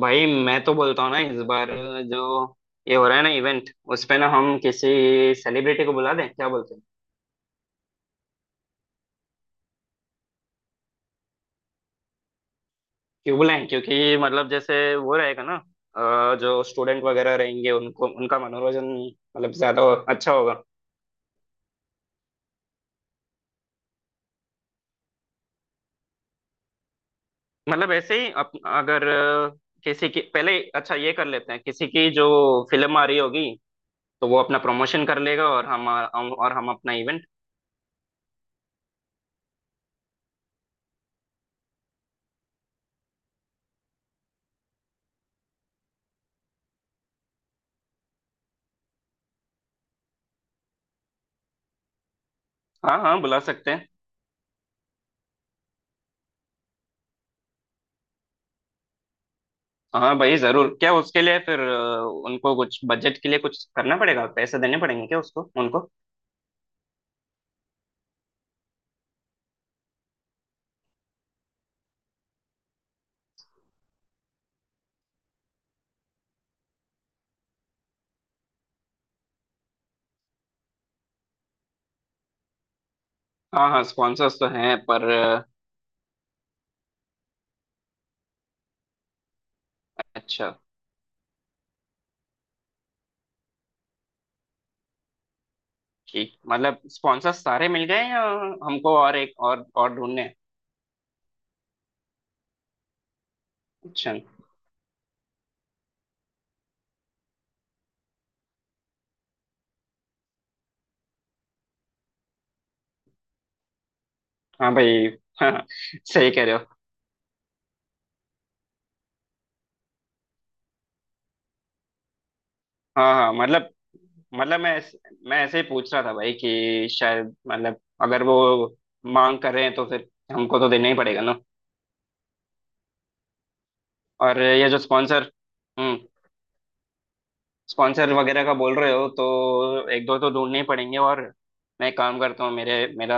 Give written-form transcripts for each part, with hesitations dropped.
भाई मैं तो बोलता हूँ ना, इस बार जो ये हो रहा है ना इवेंट, उस पे ना हम किसी सेलिब्रिटी को बुला दें, क्या बोलते हैं। क्यों बुलाएं? क्योंकि मतलब जैसे वो रहेगा ना, जो स्टूडेंट वगैरह रहेंगे उनको उनका मनोरंजन मतलब ज्यादा अच्छा होगा। मतलब ऐसे ही अगर किसी की, पहले अच्छा ये कर लेते हैं, किसी की जो फिल्म आ रही होगी तो वो अपना प्रमोशन कर लेगा और हम और हम अपना इवेंट। हाँ हाँ बुला सकते हैं। हाँ भाई जरूर। क्या उसके लिए फिर उनको कुछ बजट के लिए कुछ करना पड़ेगा, पैसे देने पड़ेंगे क्या उसको, उनको? हाँ हाँ स्पॉन्सर्स तो हैं पर अच्छा। ठीक, मतलब स्पॉन्सर्स सारे मिल गए या हमको और एक और ढूंढने हैं? अच्छा। हाँ भाई। हाँ। सही कह रहे हो। हाँ हाँ मतलब मतलब मैं ऐसे ही पूछ रहा था भाई कि शायद मतलब अगर वो मांग कर रहे हैं तो फिर हमको तो देना ही पड़ेगा ना। और ये जो स्पॉन्सर, स्पॉन्सर वगैरह का बोल रहे हो तो एक दो तो ढूंढने ही पड़ेंगे और मैं एक काम करता हूँ, मेरे मेरा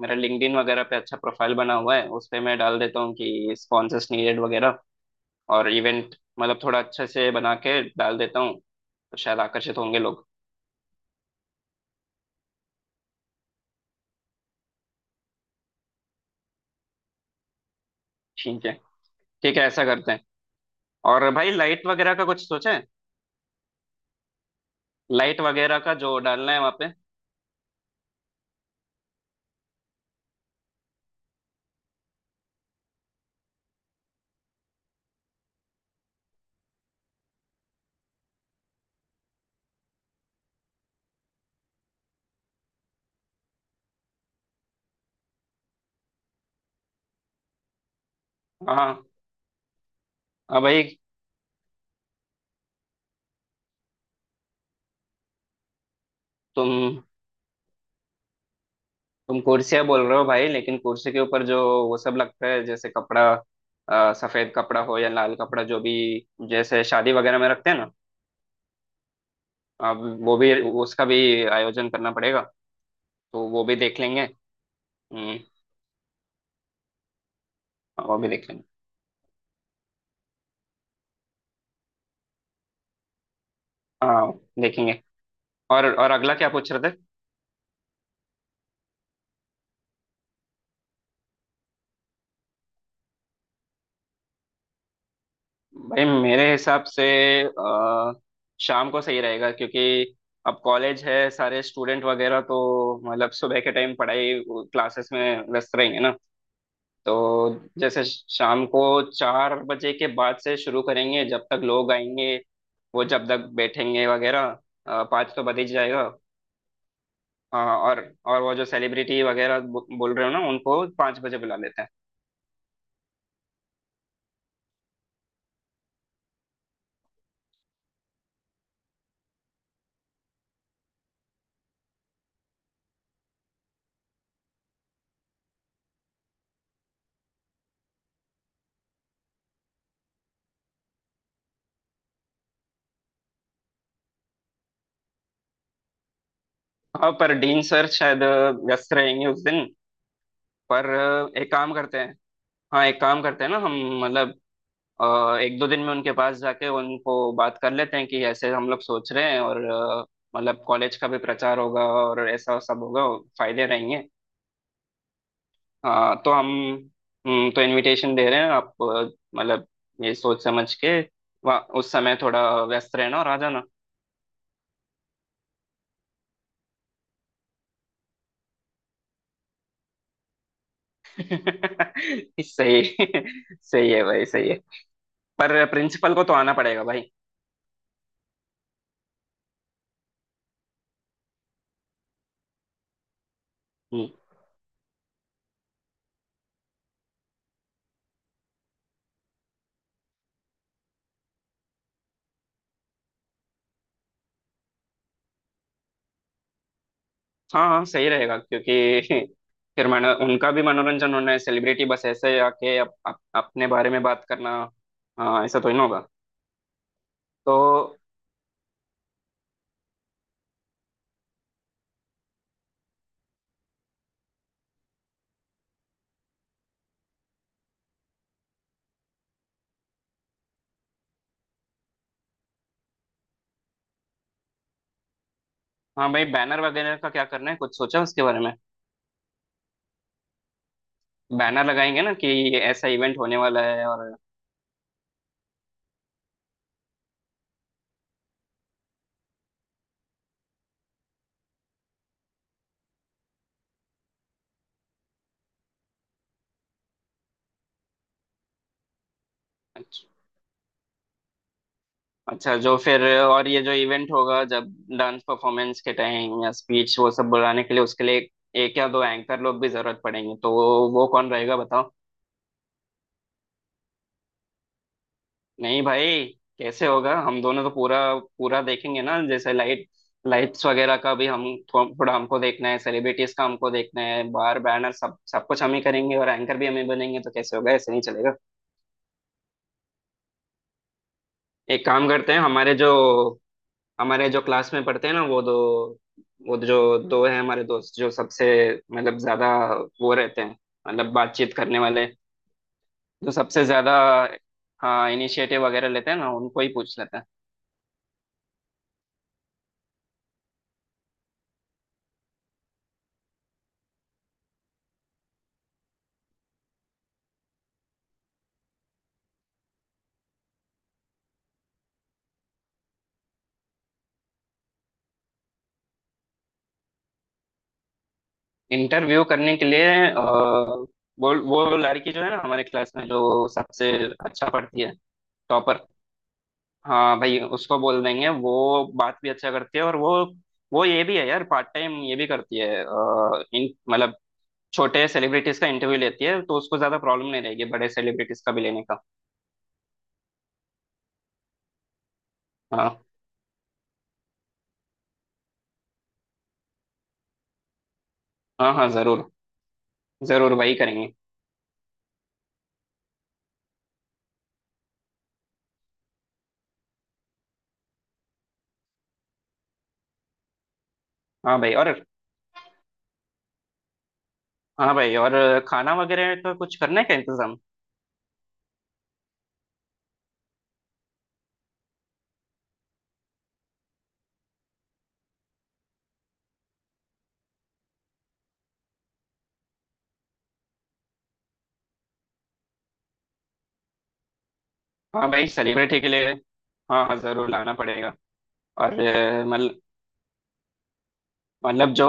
मेरा लिंक्डइन वगैरह पे अच्छा प्रोफाइल बना हुआ है, उस पे मैं डाल देता हूँ कि स्पॉन्सर्स नीडेड वगैरह, और इवेंट मतलब थोड़ा अच्छे से बना के डाल देता हूँ तो शायद आकर्षित होंगे लोग। ठीक है। ठीक है, ऐसा करते हैं। और भाई लाइट वगैरह का कुछ सोचा है? लाइट वगैरह का जो डालना है वहाँ पे। हाँ हाँ। हाँ भाई, तुम तुम कुर्सियां बोल रहे हो भाई लेकिन कुर्सी के ऊपर जो वो सब लगता है जैसे कपड़ा, सफेद कपड़ा हो या लाल कपड़ा, जो भी, जैसे शादी वगैरह में रखते हैं ना, अब वो भी, उसका भी आयोजन करना पड़ेगा। तो वो भी देख लेंगे। हम्म। वो भी देख लेंगे। हाँ। देखेंगे। और अगला क्या पूछ रहे थे? भाई मेरे हिसाब से अ, शाम को सही रहेगा क्योंकि अब कॉलेज है, सारे स्टूडेंट वगैरह तो मतलब सुबह के टाइम पढ़ाई, क्लासेस में व्यस्त रहेंगे ना। तो जैसे शाम को चार बजे के बाद से शुरू करेंगे, जब तक लोग आएंगे, वो जब तक बैठेंगे वगैरह, पाँच तो बज ही जाएगा। अ, और और वो जो सेलिब्रिटी वगैरह बोल रहे हो ना, उनको पाँच बजे बुला लेते हैं। हाँ पर डीन सर शायद व्यस्त रहेंगे उस दिन। पर एक काम करते हैं। हाँ एक काम करते हैं ना हम, मतलब अ, एक दो दिन में उनके पास जाके उनको बात कर लेते हैं कि ऐसे हम लोग सोच रहे हैं और मतलब कॉलेज का भी प्रचार होगा और ऐसा सब होगा, फायदे रहेंगे। हाँ तो हम, तो इनविटेशन दे रहे हैं आप, मतलब ये सोच समझ के वहाँ उस समय थोड़ा व्यस्त रहना और आ जाना। सही। सही है भाई, सही है। पर प्रिंसिपल को तो आना पड़ेगा भाई। हम्म। हाँ हाँ सही रहेगा क्योंकि फिर मनो उनका भी मनोरंजन होना है, सेलिब्रिटी बस ऐसे आके अप, अप, अपने बारे में बात करना। हाँ, ऐसा तो ही ना होगा। तो हाँ भाई, बैनर वगैरह का क्या करना है, कुछ सोचा उसके बारे में? बैनर लगाएंगे ना कि ऐसा इवेंट होने वाला है, और अच्छा। अच्छा, जो फिर और ये जो इवेंट होगा जब डांस परफॉर्मेंस के टाइम या स्पीच वो सब बुलाने के लिए, उसके लिए एक या दो एंकर लोग भी जरूरत पड़ेंगे तो वो कौन रहेगा बताओ। नहीं भाई, कैसे होगा? हम दोनों तो पूरा पूरा देखेंगे ना, जैसे लाइट्स वगैरह का भी हम थोड़ा हमको देखना है, सेलिब्रिटीज का हमको देखना है, बार बैनर, सब सब कुछ हम ही करेंगे और एंकर भी हम ही बनेंगे तो कैसे होगा? ऐसे नहीं चलेगा। एक काम करते हैं, हमारे जो क्लास में पढ़ते हैं ना वो दो, वो जो दो हैं हमारे दोस्त जो सबसे मतलब ज्यादा वो रहते हैं, मतलब बातचीत करने वाले, जो सबसे ज्यादा हाँ इनिशिएटिव वगैरह लेते हैं ना, उनको ही पूछ लेते हैं। इंटरव्यू करने के लिए वो लड़की जो है ना हमारे क्लास में जो सबसे अच्छा पढ़ती है, टॉपर। हाँ भाई उसको बोल देंगे, वो बात भी अच्छा करती है और वो ये भी है यार, पार्ट टाइम ये भी करती है, अ, इन मतलब छोटे सेलिब्रिटीज का इंटरव्यू लेती है, तो उसको ज्यादा प्रॉब्लम नहीं रहेगी बड़े सेलिब्रिटीज का भी लेने का। हाँ हाँ हाँ जरूर, जरूर वही करेंगे। हाँ भाई और, हाँ भाई और खाना वगैरह का कुछ करना है क्या इंतजाम? हाँ भाई सेलिब्रिटी के लिए हाँ हाँ जरूर लाना पड़ेगा। और मतलब जो,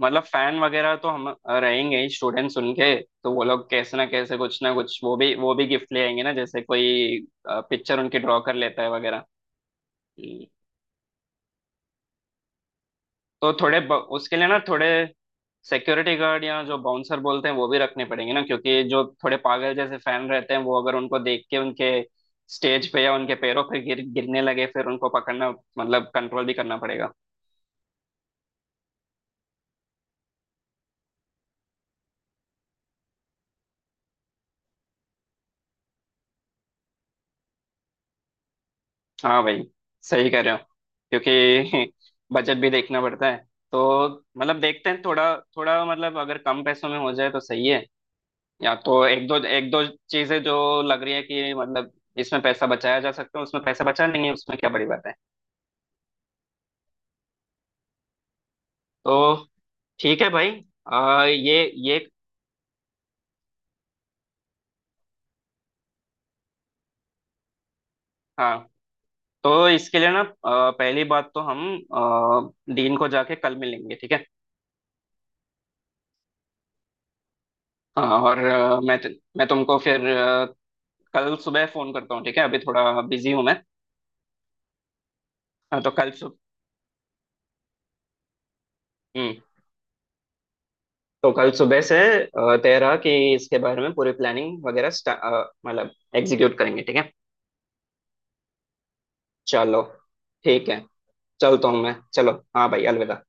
मतलब फैन वगैरह तो हम रहेंगे ही, स्टूडेंट सुन के तो वो लोग कैसे ना कैसे कुछ ना कुछ वो भी, वो भी गिफ्ट ले आएंगे ना, जैसे कोई पिक्चर उनकी ड्रॉ कर लेता है वगैरह। तो उसके लिए ना थोड़े सिक्योरिटी गार्ड या जो बाउंसर बोलते हैं वो भी रखने पड़ेंगे ना, क्योंकि जो थोड़े पागल जैसे फैन रहते हैं वो अगर उनको देख के उनके स्टेज पे या उनके पैरों पे गिर गिरने लगे फिर उनको पकड़ना, मतलब कंट्रोल भी करना पड़ेगा। हाँ भाई, सही कह रहे हो क्योंकि बजट भी देखना पड़ता है। तो मतलब देखते हैं थोड़ा थोड़ा, मतलब अगर कम पैसों में हो जाए तो सही है। या तो एक दो, एक दो चीजें जो लग रही है कि मतलब इसमें पैसा बचाया जा सकता है उसमें पैसा बचा लेंगे, उसमें क्या बड़ी बात है। तो ठीक है भाई। आ, ये हाँ तो इसके लिए ना पहली बात तो हम डीन को जाके कल मिलेंगे, ठीक है। हाँ और मैं तुमको फिर कल सुबह फोन करता हूँ, ठीक है, अभी थोड़ा बिजी हूँ मैं। हाँ, तो कल सुबह। हम्म, तो कल सुबह से आ, तेरा कि इसके बारे में पूरी प्लानिंग वगैरह मतलब एग्जीक्यूट करेंगे, ठीक है। चलो। ठीक है, चलता हूँ मैं। चलो हाँ भाई, अलविदा।